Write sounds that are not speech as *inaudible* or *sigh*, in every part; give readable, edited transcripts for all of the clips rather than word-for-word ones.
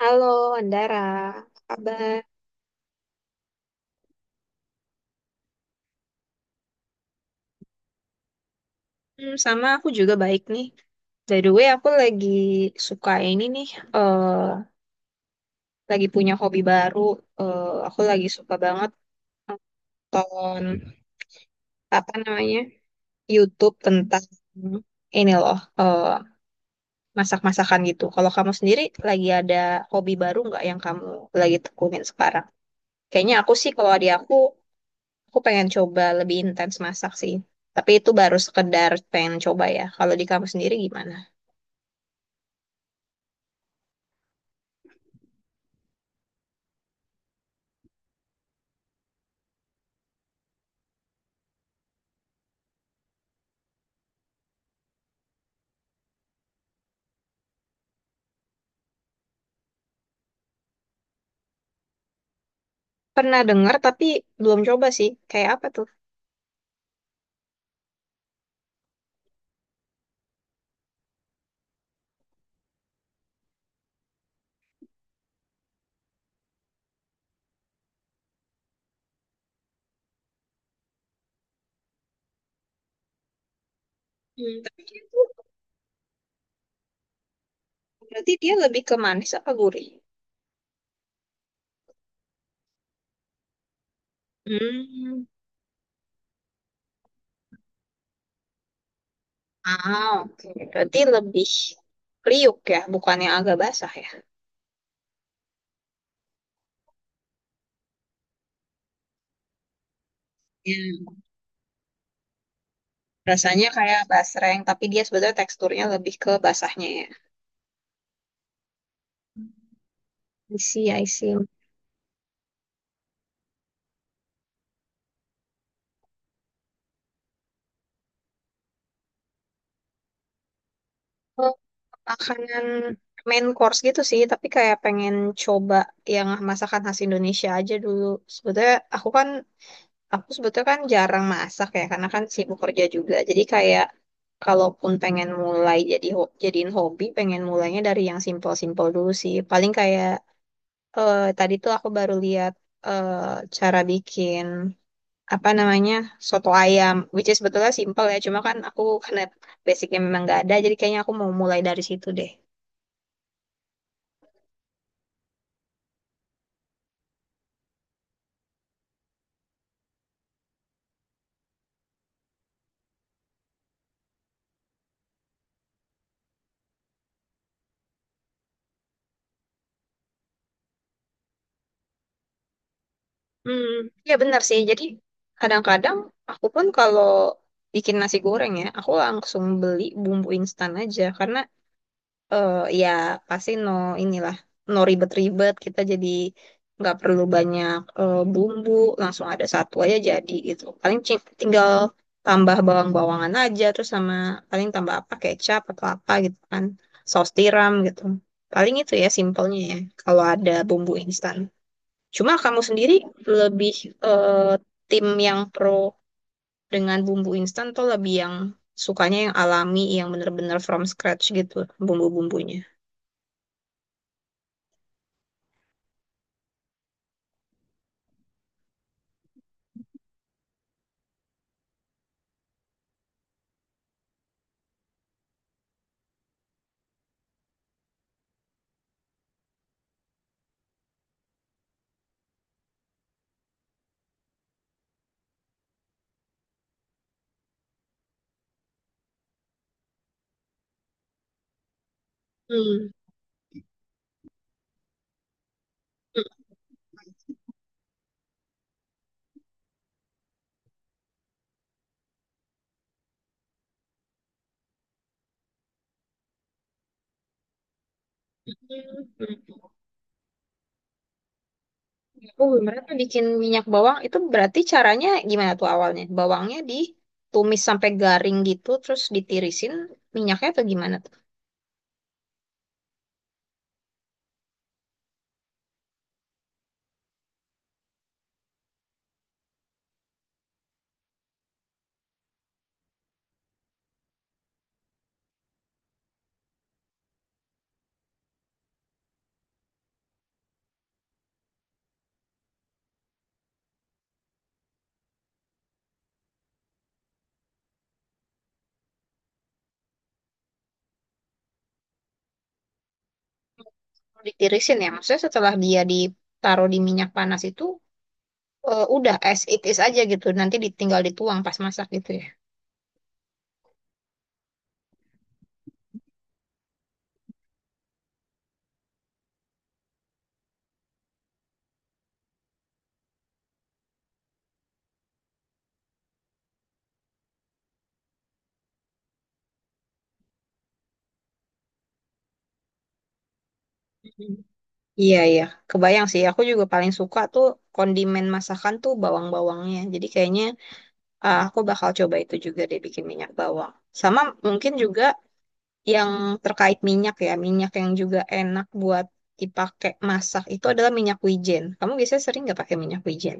Halo, Andara. Apa kabar? Hmm, sama aku juga baik nih. By the way, aku lagi suka ini nih, eh lagi punya hobi baru. Aku lagi suka banget tonton apa namanya YouTube tentang ini loh, masak-masakan gitu. Kalau kamu sendiri lagi ada hobi baru nggak yang kamu lagi tekunin sekarang? Kayaknya aku sih kalau di aku pengen coba lebih intens masak sih. Tapi itu baru sekedar pengen coba ya. Kalau di kamu sendiri gimana? Pernah dengar tapi belum coba sih. Kayak apa tuh? Hmm. Tapi dia tuh berarti dia lebih ke manis apa gurih? Hmm. Ah, oke. Berarti lebih kriuk ya, bukannya agak basah ya. Ya. Rasanya kayak basreng, tapi dia sebenarnya teksturnya lebih ke basahnya ya. I see, I see. Oh, makanan main course gitu sih, tapi kayak pengen coba yang masakan khas Indonesia aja dulu. Sebenarnya aku kan Aku sebetulnya kan jarang masak ya, karena kan sibuk kerja juga. Jadi kayak kalaupun pengen mulai jadi jadiin hobi, pengen mulainya dari yang simpel-simpel dulu sih. Paling kayak tadi tuh aku baru lihat eh, cara bikin apa namanya soto ayam, which is sebetulnya simpel ya. Cuma kan aku karena basicnya memang nggak ada, jadi kayaknya aku mau mulai dari situ deh. Hmm, ya benar sih. Jadi kadang-kadang aku pun kalau bikin nasi goreng ya, aku langsung beli bumbu instan aja karena eh ya pasti no inilah no ribet-ribet kita jadi nggak perlu banyak bumbu langsung ada satu aja jadi gitu paling tinggal tambah bawang-bawangan aja terus sama paling tambah apa kecap atau apa gitu kan saus tiram gitu paling itu ya simpelnya ya kalau ada bumbu instan cuma kamu sendiri lebih eh, tim yang pro dengan bumbu instan atau lebih yang sukanya yang alami yang bener-bener from scratch gitu bumbu-bumbunya. Hmm. Oh, mereka bikin minyak bawang itu berarti caranya gimana tuh awalnya? Bawangnya ditumis sampai garing gitu, terus ditirisin minyaknya atau gimana tuh? Kalau ditirisin ya, maksudnya setelah dia ditaruh di minyak panas itu udah as it is aja gitu, nanti ditinggal dituang pas masak gitu ya. Mhm. Iya iya, kebayang sih. Aku juga paling suka tuh kondimen masakan tuh bawang-bawangnya. Jadi kayaknya ah, aku bakal coba itu juga deh bikin minyak bawang. Sama mungkin juga yang terkait minyak ya, minyak yang juga enak buat dipakai masak itu adalah minyak wijen. Kamu biasanya sering nggak pakai minyak wijen?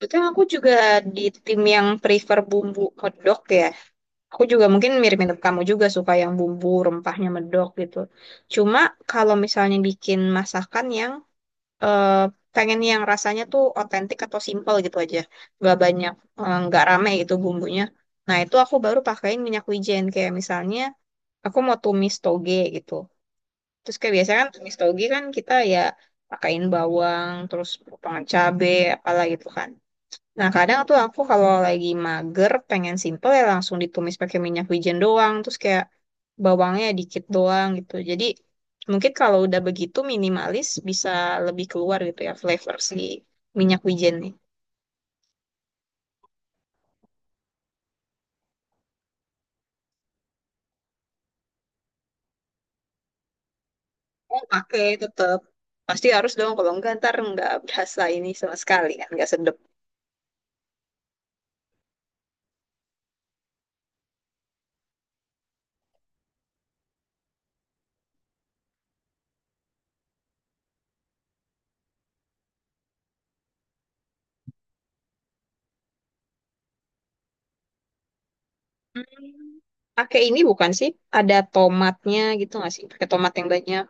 Betul, aku juga di tim yang prefer bumbu medok ya. Aku juga mungkin mirip-mirip kamu juga suka yang bumbu rempahnya medok gitu. Cuma kalau misalnya bikin masakan yang eh, pengen yang rasanya tuh otentik atau simple gitu aja, nggak banyak, nggak rame gitu bumbunya. Nah, itu aku baru pakein minyak wijen kayak misalnya aku mau tumis toge gitu. Terus kayak biasanya kan tumis toge kan kita ya pakain bawang, terus potongan cabe, apalah gitu kan. Nah kadang tuh aku kalau lagi mager, pengen simple ya langsung ditumis pakai minyak wijen doang, terus kayak bawangnya dikit doang gitu. Jadi mungkin kalau udah begitu minimalis bisa lebih keluar gitu ya flavor si minyak wijen nih. Pakai tetap pasti harus dong kalau enggak ntar nggak berasa ini sama sekali kan nggak sedap. Hmm, pakai ini bukan sih? Ada tomatnya gitu nggak sih? Pakai tomat yang banyak.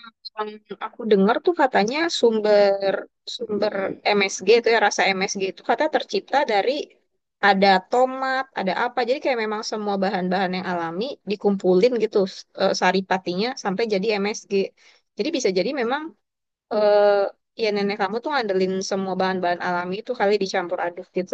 Terus yang aku dengar tuh katanya sumber sumber MSG itu ya rasa MSG itu kata tercipta dari ada tomat, ada apa. Jadi kayak memang semua bahan-bahan yang alami dikumpulin gitu sari sampai jadi MSG. Jadi bisa jadi memang eh, ya nenek kamu tuh ngandelin semua bahan-bahan alami itu kali dicampur aduk gitu.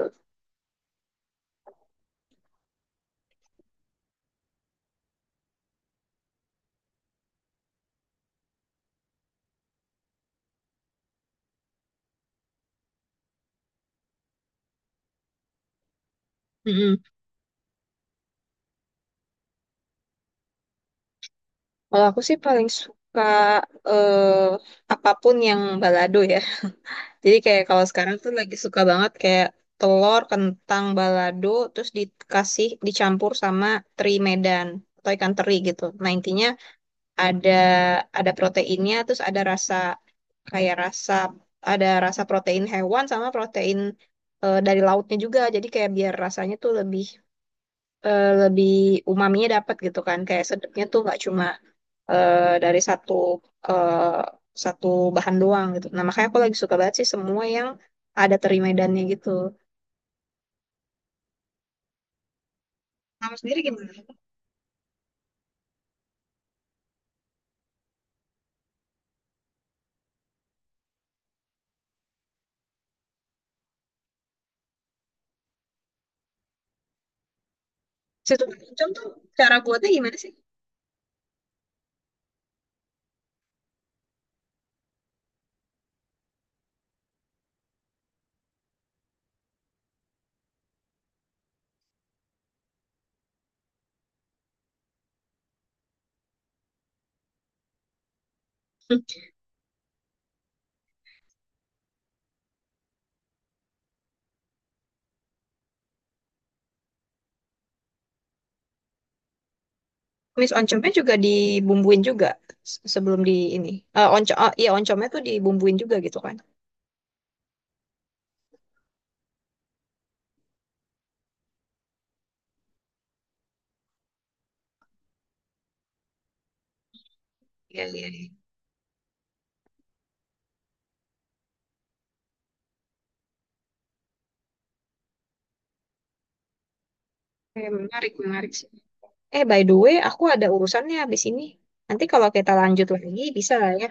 Kalau aku sih paling suka eh, apapun yang balado ya. Jadi kayak kalau sekarang tuh lagi suka banget kayak telur, kentang, balado, terus dikasih dicampur sama teri Medan atau ikan teri gitu. Nah intinya ada ada proteinnya, terus ada rasa kayak rasa ada rasa protein hewan sama protein dari lautnya juga. Jadi kayak biar rasanya tuh lebih lebih umaminya dapat gitu kan. Kayak sedapnya tuh nggak cuma dari eh, satu bahan doang gitu. Nah, makanya aku lagi suka banget sih semua yang ada teri medannya gitu. Kamu sendiri gimana? Situ oncom tuh cara buatnya gimana sih? *laughs* Mis oncomnya juga dibumbuin juga sebelum di ini. Eh oncom, oh, iya oncomnya tuh dibumbuin juga gitu kan? Iya, iya, iya. Eh, menarik, menarik sih. Eh, by the way, aku ada urusannya habis ini. Nanti kalau kita lanjut lagi, bisa lah ya.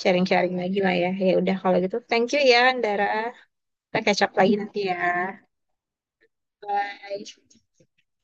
Sharing-sharing lagi lah ya. Ya udah, kalau gitu. Thank you ya, Andara. Kita catch up lagi nanti ya. Bye.